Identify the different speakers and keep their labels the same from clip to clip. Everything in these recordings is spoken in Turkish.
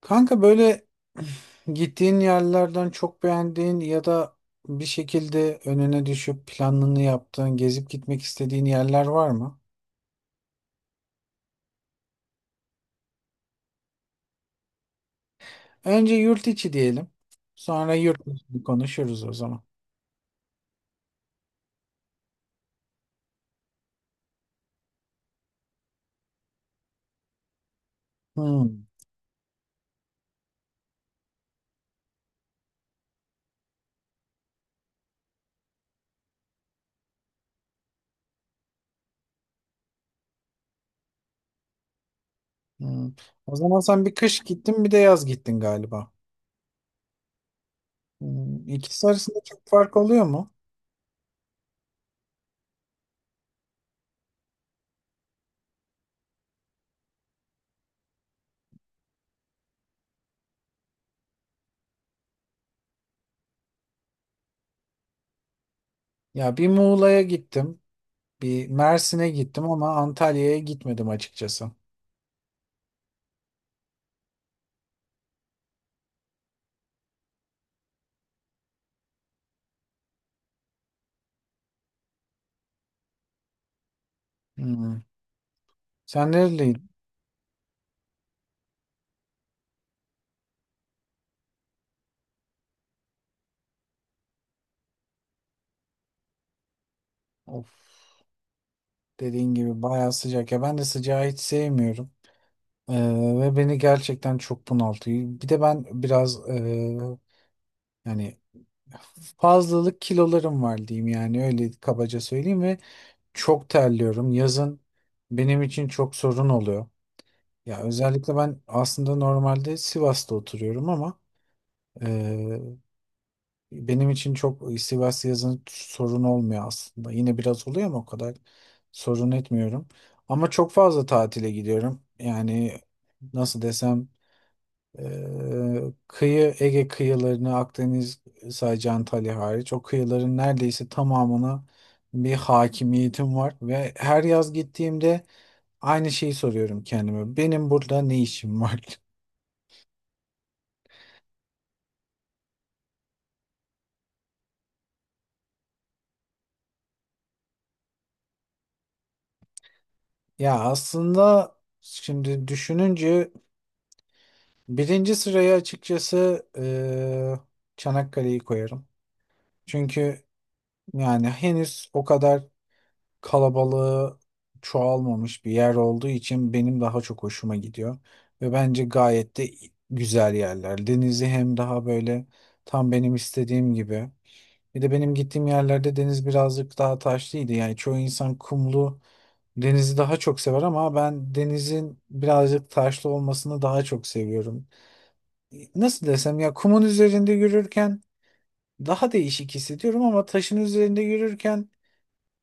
Speaker 1: Kanka böyle gittiğin yerlerden çok beğendiğin ya da bir şekilde önüne düşüp planını yaptığın, gezip gitmek istediğin yerler var mı? Önce yurt içi diyelim. Sonra yurt dışı konuşuruz o zaman. Hmm, hmm. O zaman sen bir kış gittin, bir de yaz gittin galiba. İkisi arasında çok fark oluyor mu? Ya bir Muğla'ya gittim, bir Mersin'e gittim ama Antalya'ya gitmedim açıkçası. Hmm. Sen nereliydin? Of. Dediğin gibi bayağı sıcak ya, ben de sıcağı hiç sevmiyorum. Ee, Ve beni gerçekten çok bunaltıyor. Bir de ben biraz yani fazlalık kilolarım var diyeyim, yani öyle kabaca söyleyeyim, ve çok terliyorum. Yazın benim için çok sorun oluyor. Ya özellikle ben aslında normalde Sivas'ta oturuyorum, ama benim için çok istivası yazın sorun olmuyor aslında. Yine biraz oluyor ama o kadar sorun etmiyorum. Ama çok fazla tatile gidiyorum. Yani nasıl desem, kıyı Ege kıyılarını, Akdeniz, sadece Antalya hariç o kıyıların neredeyse tamamına bir hakimiyetim var ve her yaz gittiğimde aynı şeyi soruyorum kendime: benim burada ne işim var? Ya aslında şimdi düşününce birinci sıraya açıkçası Çanakkale'yi koyarım. Çünkü yani henüz o kadar kalabalığı çoğalmamış bir yer olduğu için benim daha çok hoşuma gidiyor. Ve bence gayet de güzel yerler. Denizi hem daha böyle tam benim istediğim gibi. Bir de benim gittiğim yerlerde deniz birazcık daha taşlıydı. Yani çoğu insan kumlu denizi daha çok sever ama ben denizin birazcık taşlı olmasını daha çok seviyorum. Nasıl desem, ya kumun üzerinde yürürken daha değişik hissediyorum ama taşın üzerinde yürürken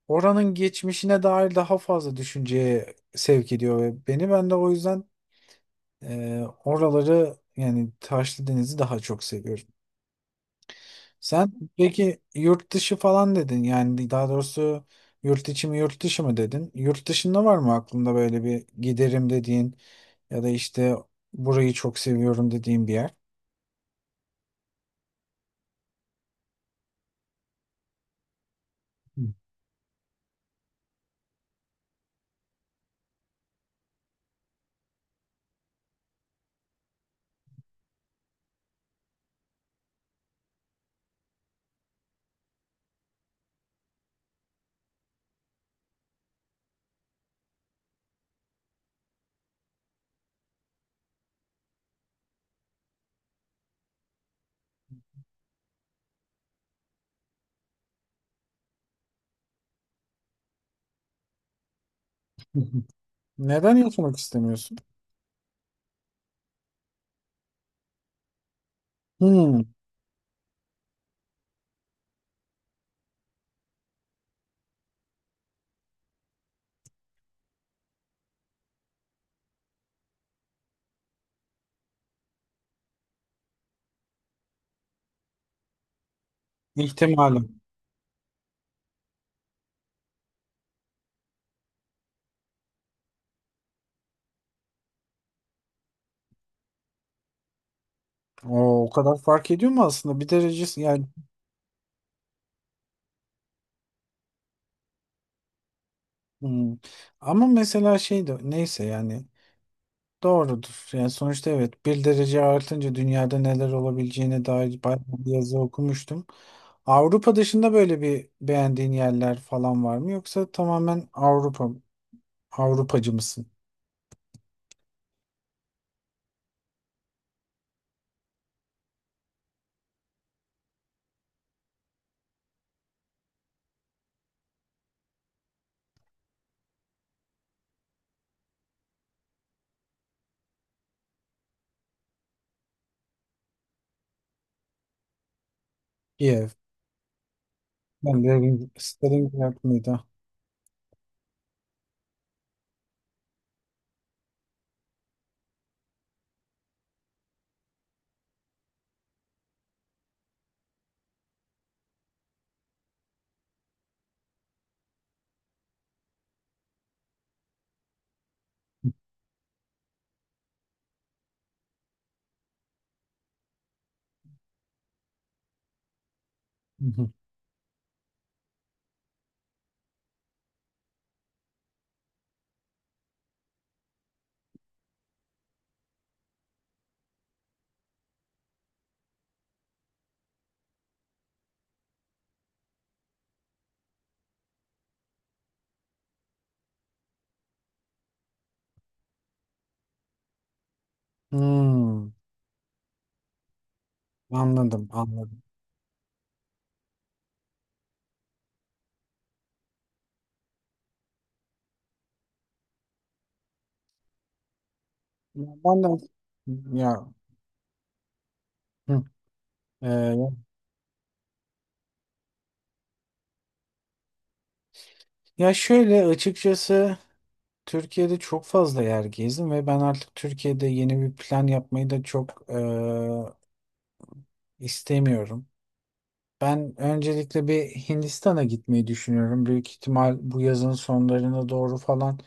Speaker 1: oranın geçmişine dair daha fazla düşünceye sevk ediyor ve beni, ben de o yüzden oraları, yani Taşlı Deniz'i daha çok seviyorum. Sen peki yurt dışı falan dedin, yani daha doğrusu yurt içi mi yurt dışı mı dedin? Yurt dışında var mı aklında böyle bir giderim dediğin ya da işte burayı çok seviyorum dediğin bir yer? Neden yaşamak istemiyorsun? Hmm, ihtimalim. O kadar fark ediyor mu aslında? Bir derecesi yani, hmm. Ama mesela şey de neyse yani doğrudur. Yani sonuçta evet, bir derece artınca dünyada neler olabileceğine dair bayağı bir yazı okumuştum. Avrupa dışında böyle bir beğendiğin yerler falan var mı? Yoksa tamamen Avrupacı mısın? Kiev. Ben Stalingrad mıydı? Hı hı. Hmm, Anladım, anladım. Ya ben de, ya, hı, ya şöyle açıkçası, Türkiye'de çok fazla yer gezdim ve ben artık Türkiye'de yeni bir plan yapmayı da çok istemiyorum. Ben öncelikle bir Hindistan'a gitmeyi düşünüyorum. Büyük ihtimal bu yazın sonlarına doğru falan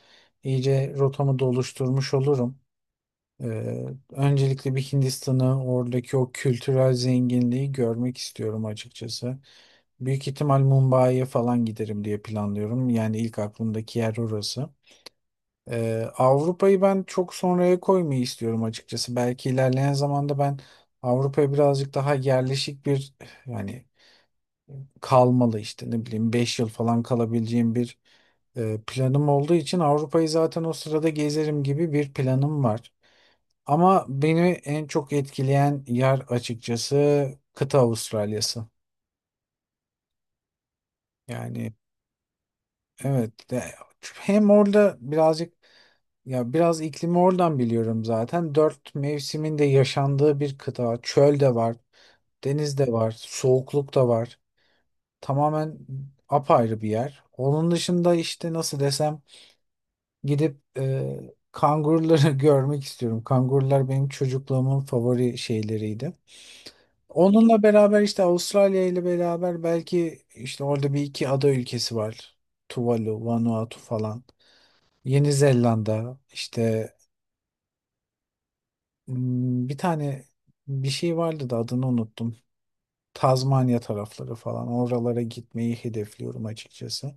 Speaker 1: iyice rotamı da oluşturmuş olurum. E, Öncelikle bir Hindistan'ı, oradaki o kültürel zenginliği görmek istiyorum açıkçası. Büyük ihtimal Mumbai'ye falan giderim diye planlıyorum. Yani ilk aklımdaki yer orası. Avrupa'yı ben çok sonraya koymayı istiyorum açıkçası. Belki ilerleyen zamanda ben Avrupa'ya birazcık daha yerleşik bir, yani kalmalı, işte ne bileyim 5 yıl falan kalabileceğim bir planım olduğu için Avrupa'yı zaten o sırada gezerim gibi bir planım var. Ama beni en çok etkileyen yer açıkçası kıta Avustralya'sı. Yani evet. Hem orada birazcık, ya biraz iklimi oradan biliyorum zaten. Dört mevsimin de yaşandığı bir kıta. Çöl de var, deniz de var, soğukluk da var. Tamamen apayrı bir yer. Onun dışında işte nasıl desem, gidip kanguruları görmek istiyorum. Kangurular benim çocukluğumun favori şeyleriydi. Onunla beraber işte, Avustralya ile beraber belki işte orada bir iki ada ülkesi var. Tuvalu, Vanuatu falan. Yeni Zelanda işte, bir tane bir şey vardı da adını unuttum. Tazmanya tarafları falan oralara gitmeyi hedefliyorum açıkçası.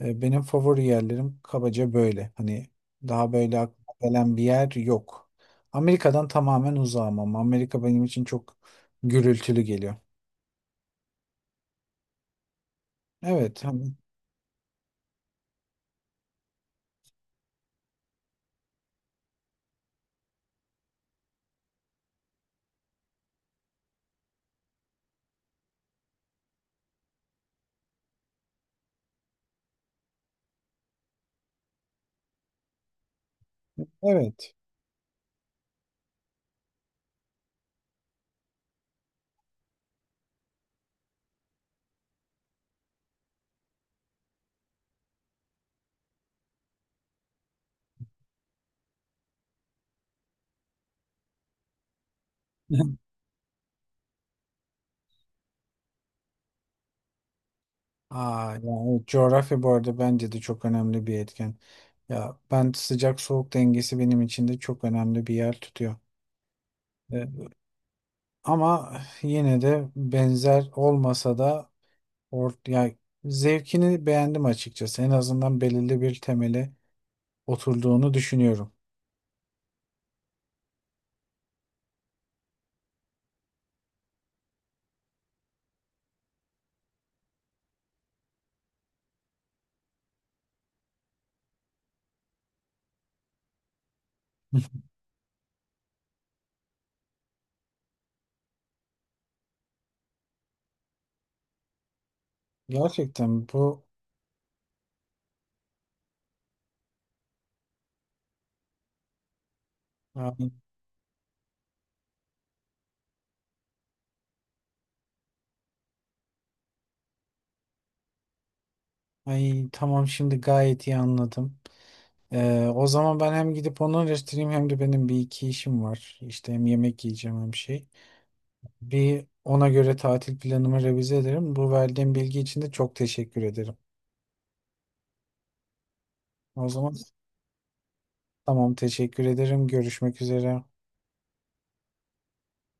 Speaker 1: Benim favori yerlerim kabaca böyle. Hani daha böyle aklıma gelen bir yer yok. Amerika'dan tamamen uzağım ama Amerika benim için çok gürültülü geliyor. Evet, evet. Aa, yani evet, coğrafya bu arada bence de çok önemli bir etken. Ya ben, sıcak soğuk dengesi benim için de çok önemli bir yer tutuyor. Ee, Ama yine de benzer olmasa da ya zevkini beğendim açıkçası. En azından belirli bir temeli oturduğunu düşünüyorum. Gerçekten bu, ay, ay tamam, şimdi gayet iyi anladım. O zaman ben hem gidip onu araştırayım, hem de benim bir iki işim var. İşte hem yemek yiyeceğim, hem şey. Bir ona göre tatil planımı revize ederim. Bu verdiğin bilgi için de çok teşekkür ederim. O zaman tamam, teşekkür ederim. Görüşmek üzere.